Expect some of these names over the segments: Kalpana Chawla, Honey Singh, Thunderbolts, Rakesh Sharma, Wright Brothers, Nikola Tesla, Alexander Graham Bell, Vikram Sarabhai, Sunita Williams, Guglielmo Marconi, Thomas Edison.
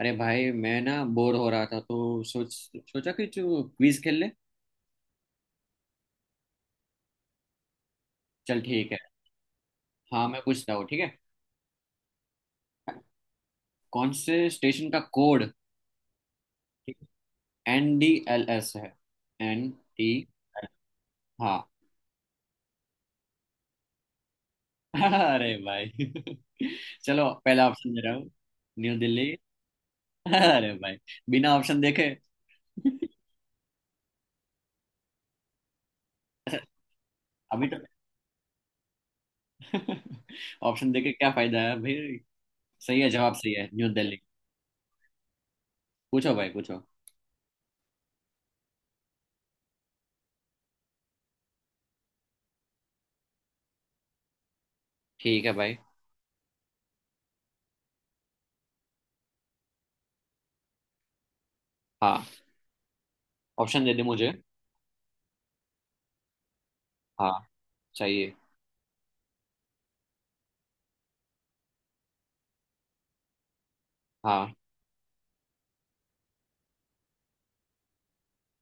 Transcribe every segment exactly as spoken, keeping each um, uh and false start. अरे भाई मैं ना बोर हो रहा था तो सोच सोचा कि तू क्विज खेल ले। चल ठीक है। हाँ मैं पूछता हूँ, ठीक है। कौन से स्टेशन का code N D L S है? N T. हाँ। अरे भाई। चलो पहला ऑप्शन दे रहा हूँ। न्यू दिल्ली। अरे भाई, बिना ऑप्शन देखे। अभी तो। ऑप्शन देके क्या फायदा है भाई। सही है, जवाब सही है, न्यू दिल्ली। पूछो भाई पूछो। ठीक है भाई। हाँ, ऑप्शन दे दे मुझे। हाँ चाहिए। हाँ।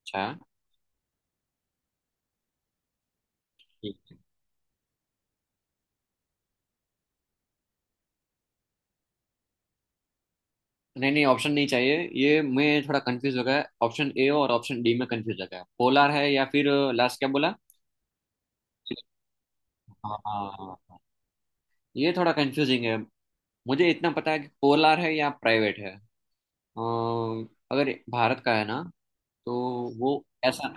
अच्छा। ठीक है। नहीं नहीं, ऑप्शन नहीं चाहिए। ये मैं थोड़ा कंफ्यूज हो गया, ऑप्शन ए और ऑप्शन डी में कंफ्यूज हो गया। पोलार है या फिर, लास्ट क्या बोला? हाँ हाँ, हाँ। हाँ। ये थोड़ा कंफ्यूजिंग है। मुझे इतना पता है कि पोलार है या प्राइवेट है। अम, अगर भारत का है ना तो वो ऐसा।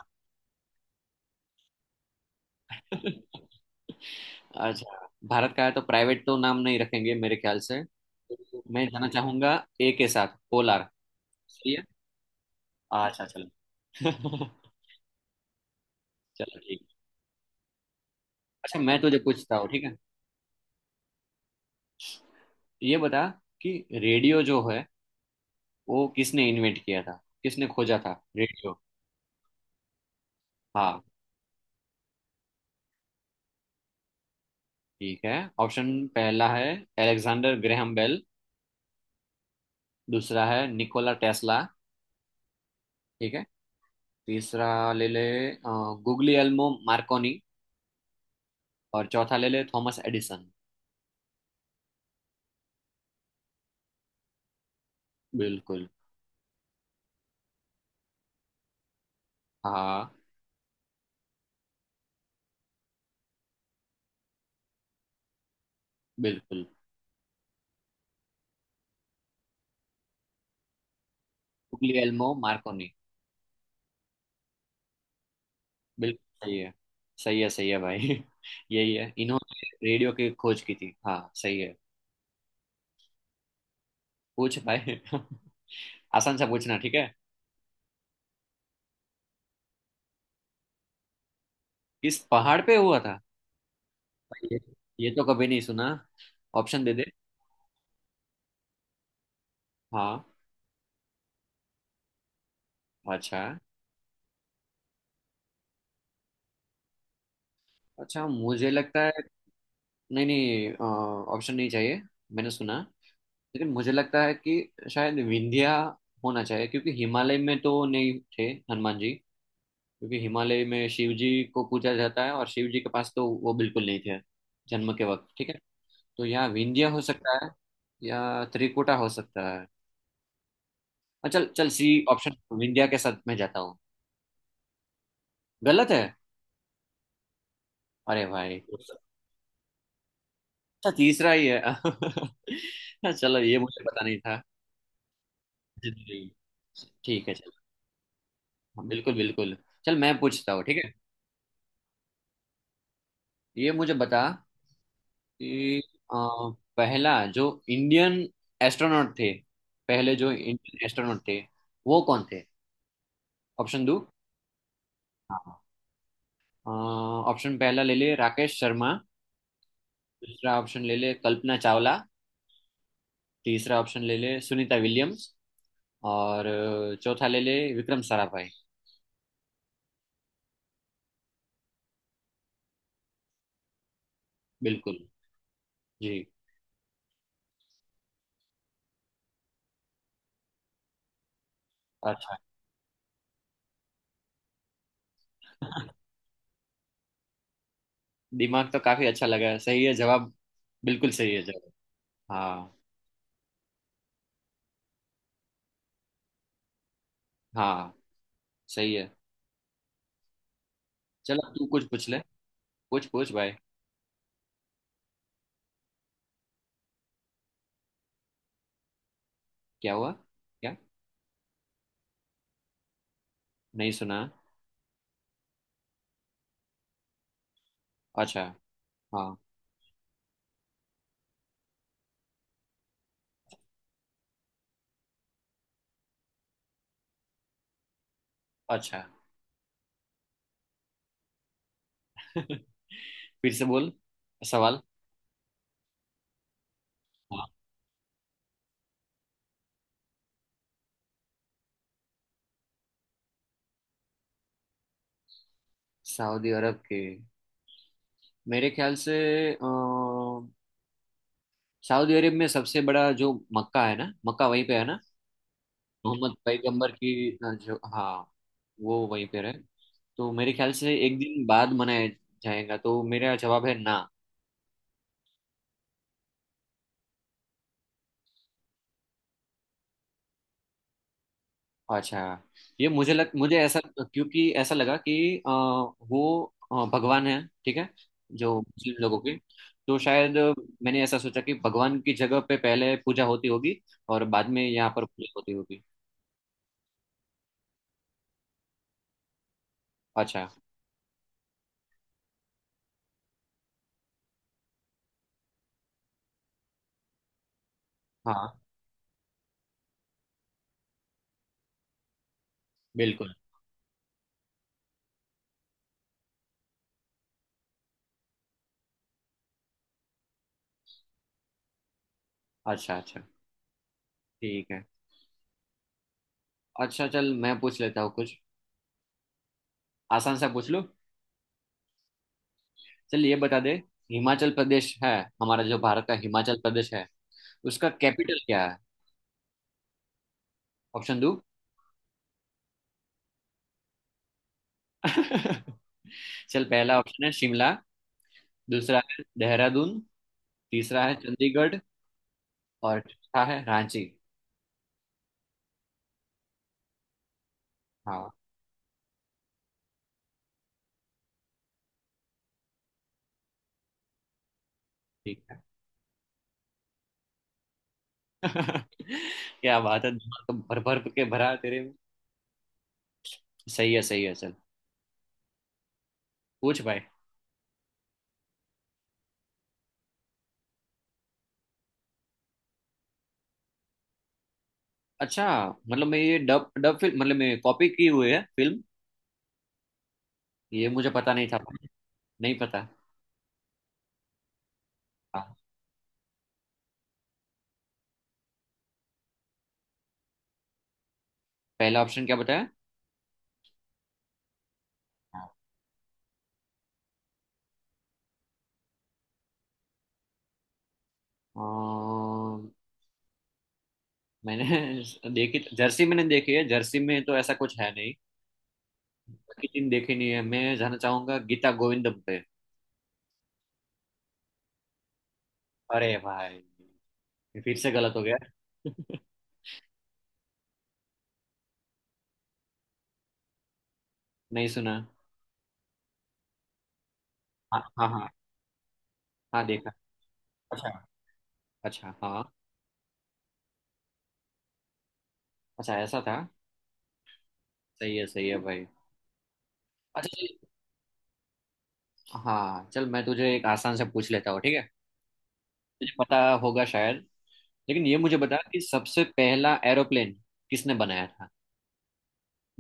अच्छा, भारत का है तो प्राइवेट तो नाम नहीं रखेंगे मेरे ख्याल से। तो मैं जाना चाहूंगा ए के साथ, पोलार। सही है। अच्छा चलो। चलो ठीक। अच्छा मैं तुझे पूछता हूँ, ठीक है। ये बता कि रेडियो जो है वो किसने इन्वेंट किया था? किसने खोजा था रेडियो? हाँ ठीक है। ऑप्शन पहला है एलेक्सेंडर ग्रैहम बेल। दूसरा है निकोला टेस्ला। ठीक है। तीसरा ले ले गुग्लियल्मो मार्कोनी। और चौथा ले ले थॉमस एडिसन। बिल्कुल। हाँ बिल्कुल। Guglielmo Markovnikov. बिल्कुल सही है। सही है सही है भाई। यही है, इन्होंने रेडियो की खोज की थी, हाँ सही है। पूछ भाई। आसान सा पूछना, ठीक है। इस पहाड़ पे हुआ था? ये ये तो कभी नहीं सुना। ऑप्शन दे दे। हाँ। अच्छा। अच्छा मुझे लगता है। नहीं नहीं, ऑप्शन नहीं चाहिए। मैंने सुना, लेकिन मुझे लगता है कि शायद विंध्या होना चाहिए, क्योंकि हिमालय में तो नहीं थे हनुमान जी। क्योंकि हिमालय में शिव जी को पूजा जाता है और शिव जी के पास तो वो बिल्कुल नहीं थे जन्म के वक्त, ठीक है। तो या विंध्या हो सकता है या त्रिकुटा हो सकता है। अच्छा चल चल, सी ऑप्शन विंध्या के साथ मैं जाता हूँ। गलत है? अरे भाई, अच्छा। तीसरा ही है। हाँ, चलो, ये मुझे पता नहीं था। जी, ठीक है चलो। हाँ, बिल्कुल बिल्कुल। चल मैं पूछता हूँ, ठीक है। ये मुझे बता कि अ, पहला जो इंडियन एस्ट्रोनॉट थे, पहले जो इंडियन एस्ट्रोनॉट थे वो कौन थे? ऑप्शन दो। हाँ। ऑप्शन पहला ले ले राकेश शर्मा। दूसरा ऑप्शन ले ले कल्पना चावला। तीसरा ऑप्शन ले ले सुनीता विलियम्स। और अ, चौथा ले ले विक्रम साराभाई। बिल्कुल। जी। अच्छा। दिमाग तो काफी अच्छा लगा है, सही है जवाब, बिल्कुल सही है जवाब। हाँ। हाँ सही है। चल, अब तू कुछ पूछ ले। कुछ पूछ भाई। क्या हुआ? क्या? नहीं सुना। अच्छा। हाँ। अच्छा। फिर से बोल सवाल। हाँ, सऊदी अरब के, मेरे ख्याल से, अ, सऊदी अरब में सबसे बड़ा जो मक्का है ना, मक्का वहीं पे है ना? मोहम्मद पैगंबर की अ, जो, हाँ, वो वहीं पे रहे। तो मेरे ख्याल से एक दिन बाद मनाया जाएगा, तो मेरा जवाब है ना। अच्छा। ये मुझे लग मुझे ऐसा, क्योंकि ऐसा लगा कि अ, वो अ, भगवान है, ठीक है, जो मुस्लिम लोगों के। तो शायद मैंने ऐसा सोचा कि भगवान की जगह पे पहले पूजा होती होगी और बाद में यहाँ पर पूजा होती होगी। अच्छा। हाँ बिल्कुल। अच्छा अच्छा। ठीक है। अच्छा चल मैं पूछ लेता हूँ कुछ। आसान सा पूछ लो। चल ये बता दे, हिमाचल प्रदेश है, हमारा जो भारत का हिमाचल प्रदेश है, उसका कैपिटल क्या है? ऑप्शन दो। चल पहला ऑप्शन है शिमला। दूसरा है देहरादून। तीसरा है चंडीगढ़। और चौथा है रांची। हाँ ठीक है। क्या बात है, दिमाग तो भर भर के भरा है तेरे में। सही है सही है चल। पूछ भाई। अच्छा, मतलब मैं ये डब डब फिल्म मतलब मैं, कॉपी की हुई है फिल्म। ये मुझे पता नहीं था। नहीं पता। हाँ। पहला ऑप्शन क्या बताया? हाँ। अ, मैंने देखी जर्सी, मैंने देखी है, जर्सी में तो ऐसा कुछ है नहीं। बाकी तीन देखी नहीं है, मैं जाना चाहूंगा गीता गोविंदम पे। अरे भाई, ये फिर से गलत हो गया। नहीं सुना। हाँ हाँ हाँ। हाँ देखा। अच्छा। अच्छा हाँ। अच्छा ऐसा था। सही है सही है भाई। अच्छा चल। हाँ चल मैं तुझे एक आसान से पूछ लेता हूँ, ठीक है। तुझे पता होगा शायद, लेकिन ये मुझे बता कि सबसे पहला एरोप्लेन किसने बनाया था?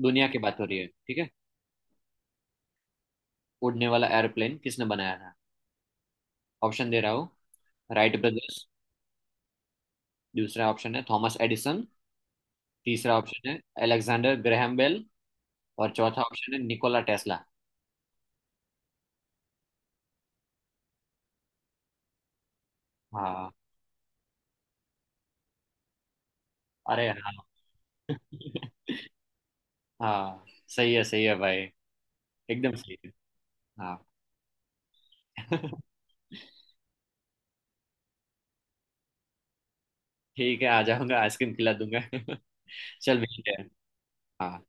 दुनिया की बात हो रही है, ठीक है। उड़ने वाला एरोप्लेन किसने बनाया था? ऑप्शन दे रहा हूँ। Wright brothers. दूसरा ऑप्शन है थॉमस एडिसन। तीसरा ऑप्शन है अलेक्जेंडर ग्रैहम बेल। और चौथा ऑप्शन है निकोला टेस्ला। हाँ। अरे हाँ। हाँ सही है, सही है भाई, एकदम सही है। हाँ। ठीक है, आ जाऊंगा, आइसक्रीम खिला दूंगा। चल मिलते हैं। हाँ।